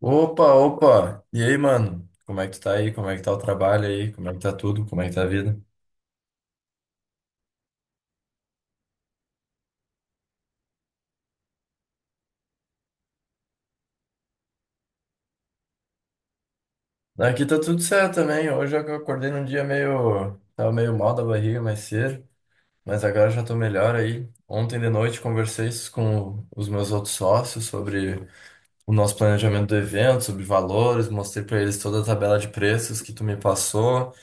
Opa, opa! E aí, mano? Como é que tu tá aí? Como é que tá o trabalho aí? Como é que tá tudo? Como é que tá a vida? Aqui tá tudo certo também. Hoje eu acordei num dia meio. Tava meio mal da barriga mais cedo, mas agora já tô melhor aí. Ontem de noite conversei com os meus outros sócios sobre o nosso planejamento do evento, sobre valores, mostrei pra eles toda a tabela de preços que tu me passou.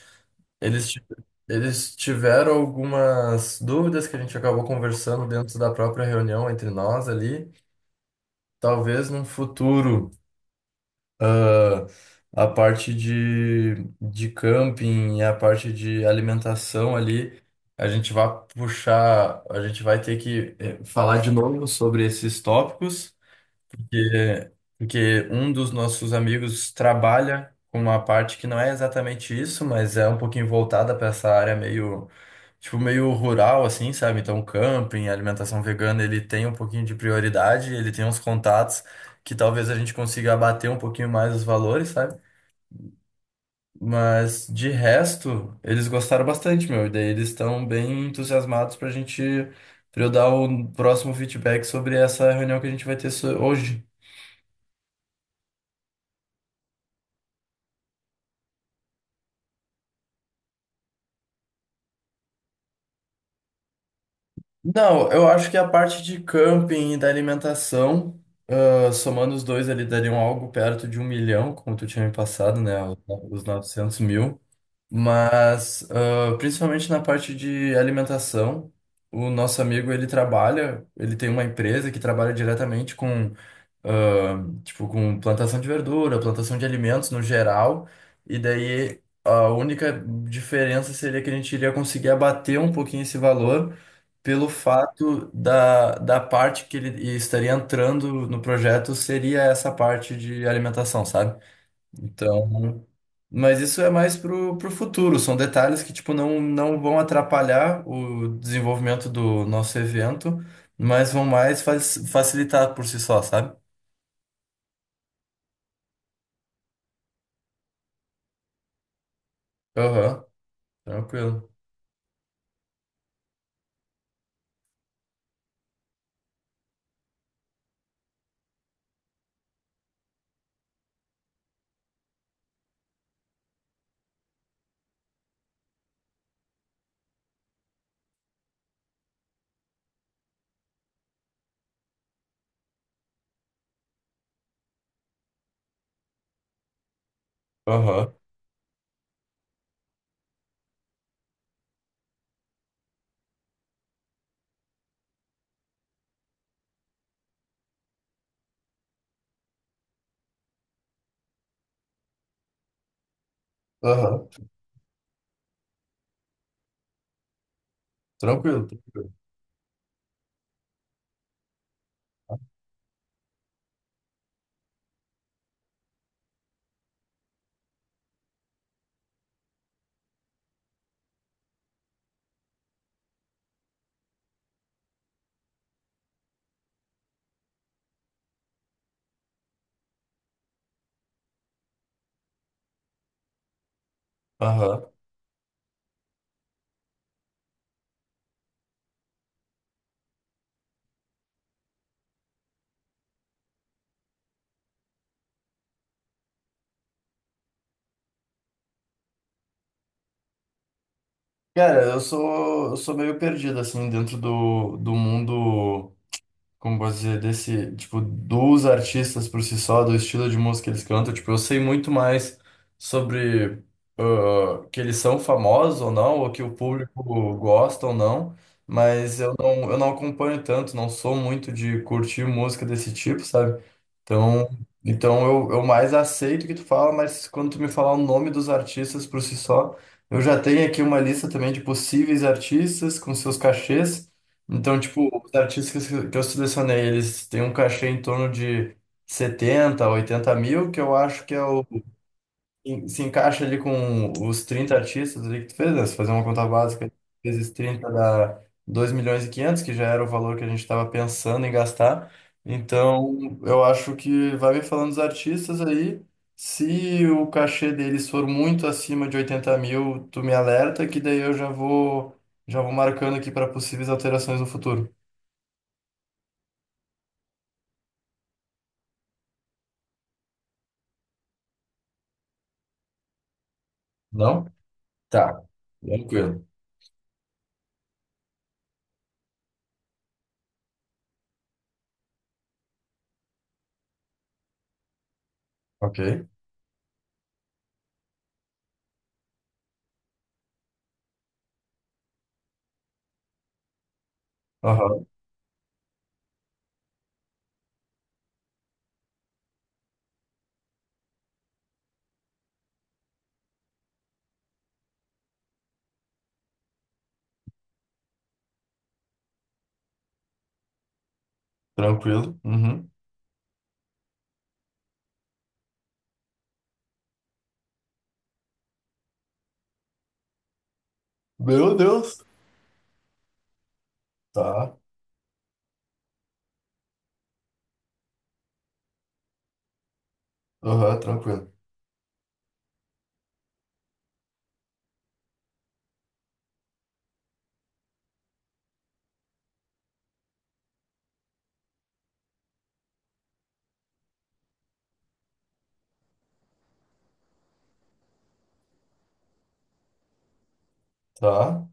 Eles, ti- Eles tiveram algumas dúvidas que a gente acabou conversando dentro da própria reunião entre nós ali. Talvez num futuro, ah, a parte de camping e a parte de alimentação ali, a gente vai puxar, a gente vai ter que falar de novo sobre esses tópicos. Porque, porque um dos nossos amigos trabalha com uma parte que não é exatamente isso, mas é um pouquinho voltada para essa área meio, tipo, meio rural, assim, sabe? Então, camping, alimentação vegana, ele tem um pouquinho de prioridade, ele tem uns contatos que talvez a gente consiga abater um pouquinho mais os valores, sabe? Mas de resto, eles gostaram bastante, meu. E daí eles estão bem entusiasmados pra gente, pra eu dar o próximo feedback sobre essa reunião que a gente vai ter hoje. Não, eu acho que a parte de camping e da alimentação, somando os dois ali, dariam algo perto de 1 milhão, como tu tinha me passado, né? Os no- os 900 mil. Mas, principalmente na parte de alimentação, o nosso amigo, ele trabalha, ele tem uma empresa que trabalha diretamente com ah, tipo, com plantação de verdura, plantação de alimentos no geral, e daí a única diferença seria que a gente iria conseguir abater um pouquinho esse valor pelo fato da, da parte que ele estaria entrando no projeto seria essa parte de alimentação, sabe? Então, mas isso é mais pro, pro futuro, são detalhes que, tipo, não, não vão atrapalhar o desenvolvimento do nosso evento, mas vão mais facilitar por si só, sabe? Aham. Tranquilo. Aham. Aham. Tranquilo, tranquilo. Aham. Cara, eu sou meio perdido, assim, dentro do, do mundo. Como posso dizer, desse, tipo, dos artistas por si só, do estilo de música que eles cantam, tipo, eu sei muito mais sobre que eles são famosos ou não, ou que o público gosta ou não, mas eu não acompanho tanto, não sou muito de curtir música desse tipo, sabe? Então, então eu mais aceito o que tu fala, mas quando tu me falar o nome dos artistas por si só, eu já tenho aqui uma lista também de possíveis artistas com seus cachês, então, tipo, os artistas que eu selecionei, eles têm um cachê em torno de 70, 80 mil, que eu acho que é o, se encaixa ali com os 30 artistas ali que tu fez, né? Se fazer uma conta básica, vezes 30 dá 2,5 milhões, que já era o valor que a gente estava pensando em gastar. Então, eu acho que vai me falando dos artistas aí. Se o cachê deles for muito acima de 80 mil, tu me alerta, que daí já vou marcando aqui para possíveis alterações no futuro. Não? Tá. Tranquilo. Ok. Aham. Tranquilo. Uhum. Meu Deus. Tá. Aham, tranquilo. Tá.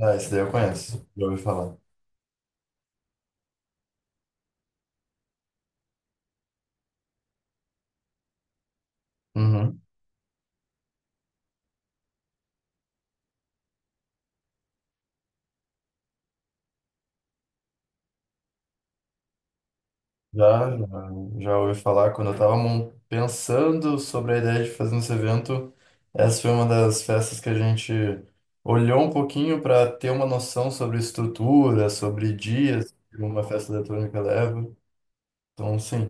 Ah, esse daí eu conheço. Já ouvi falar. Uhum. Já, já, já ouvi falar quando eu tava pensando sobre a ideia de fazer esse evento. Essa foi uma das festas que a gente olhou um pouquinho para ter uma noção sobre estrutura, sobre dias que uma festa eletrônica leva. Então, sim.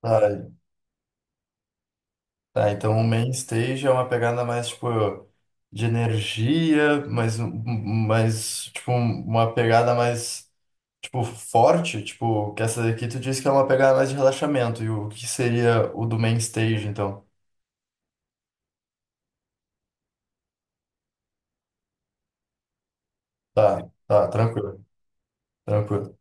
Tá. Tá, então o main stage é uma pegada mais, tipo, de energia, mas, mais, tipo, uma pegada mais, tipo, forte, tipo, que essa daqui tu disse que é uma pegada mais de relaxamento, e o que seria o do main stage, então? Tá, tá, tranquilo, tranquilo.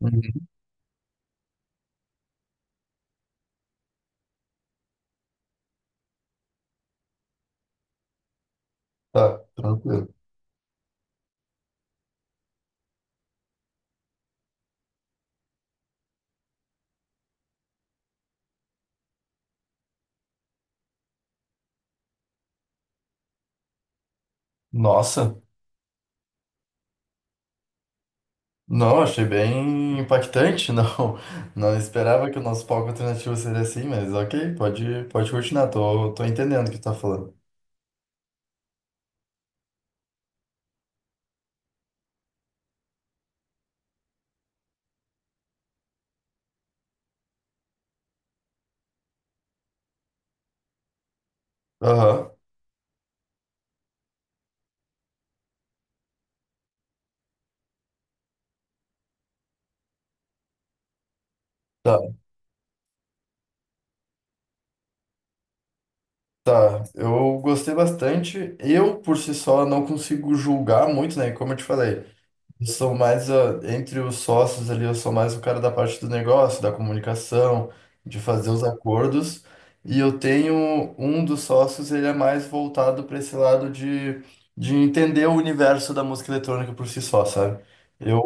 Uhum. Tá, tranquilo. Nossa, não, achei bem impactante, não, não esperava que o nosso palco alternativo seria assim, mas ok, pode, pode continuar, tô entendendo o que tu tá falando. Aham. Tá. Tá, eu gostei bastante. Eu, por si só, não consigo julgar muito, né? Como eu te falei, eu sou mais, entre os sócios ali, eu sou mais o cara da parte do negócio, da comunicação, de fazer os acordos. E eu tenho um dos sócios, ele é mais voltado para esse lado de entender o universo da música eletrônica por si só, sabe? Eu,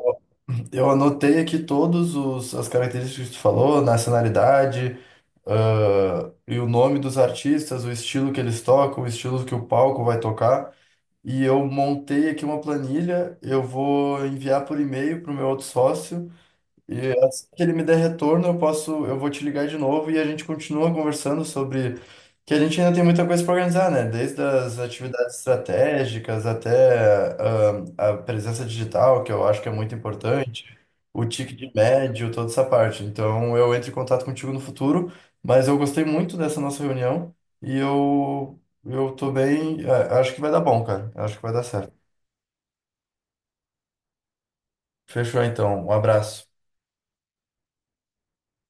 eu anotei aqui todos os, as características que tu falou, nacionalidade e o nome dos artistas, o estilo que eles tocam, o estilo que o palco vai tocar. E eu montei aqui uma planilha, eu vou enviar por e-mail para o meu outro sócio. E assim que ele me der retorno, eu vou te ligar de novo e a gente continua conversando sobre que a gente ainda tem muita coisa para organizar, né? Desde as atividades estratégicas até a presença digital, que eu acho que é muito importante, o ticket médio, toda essa parte. Então eu entro em contato contigo no futuro, mas eu gostei muito dessa nossa reunião e eu tô bem, acho que vai dar bom, cara. Acho que vai dar certo. Fechou então. Um abraço.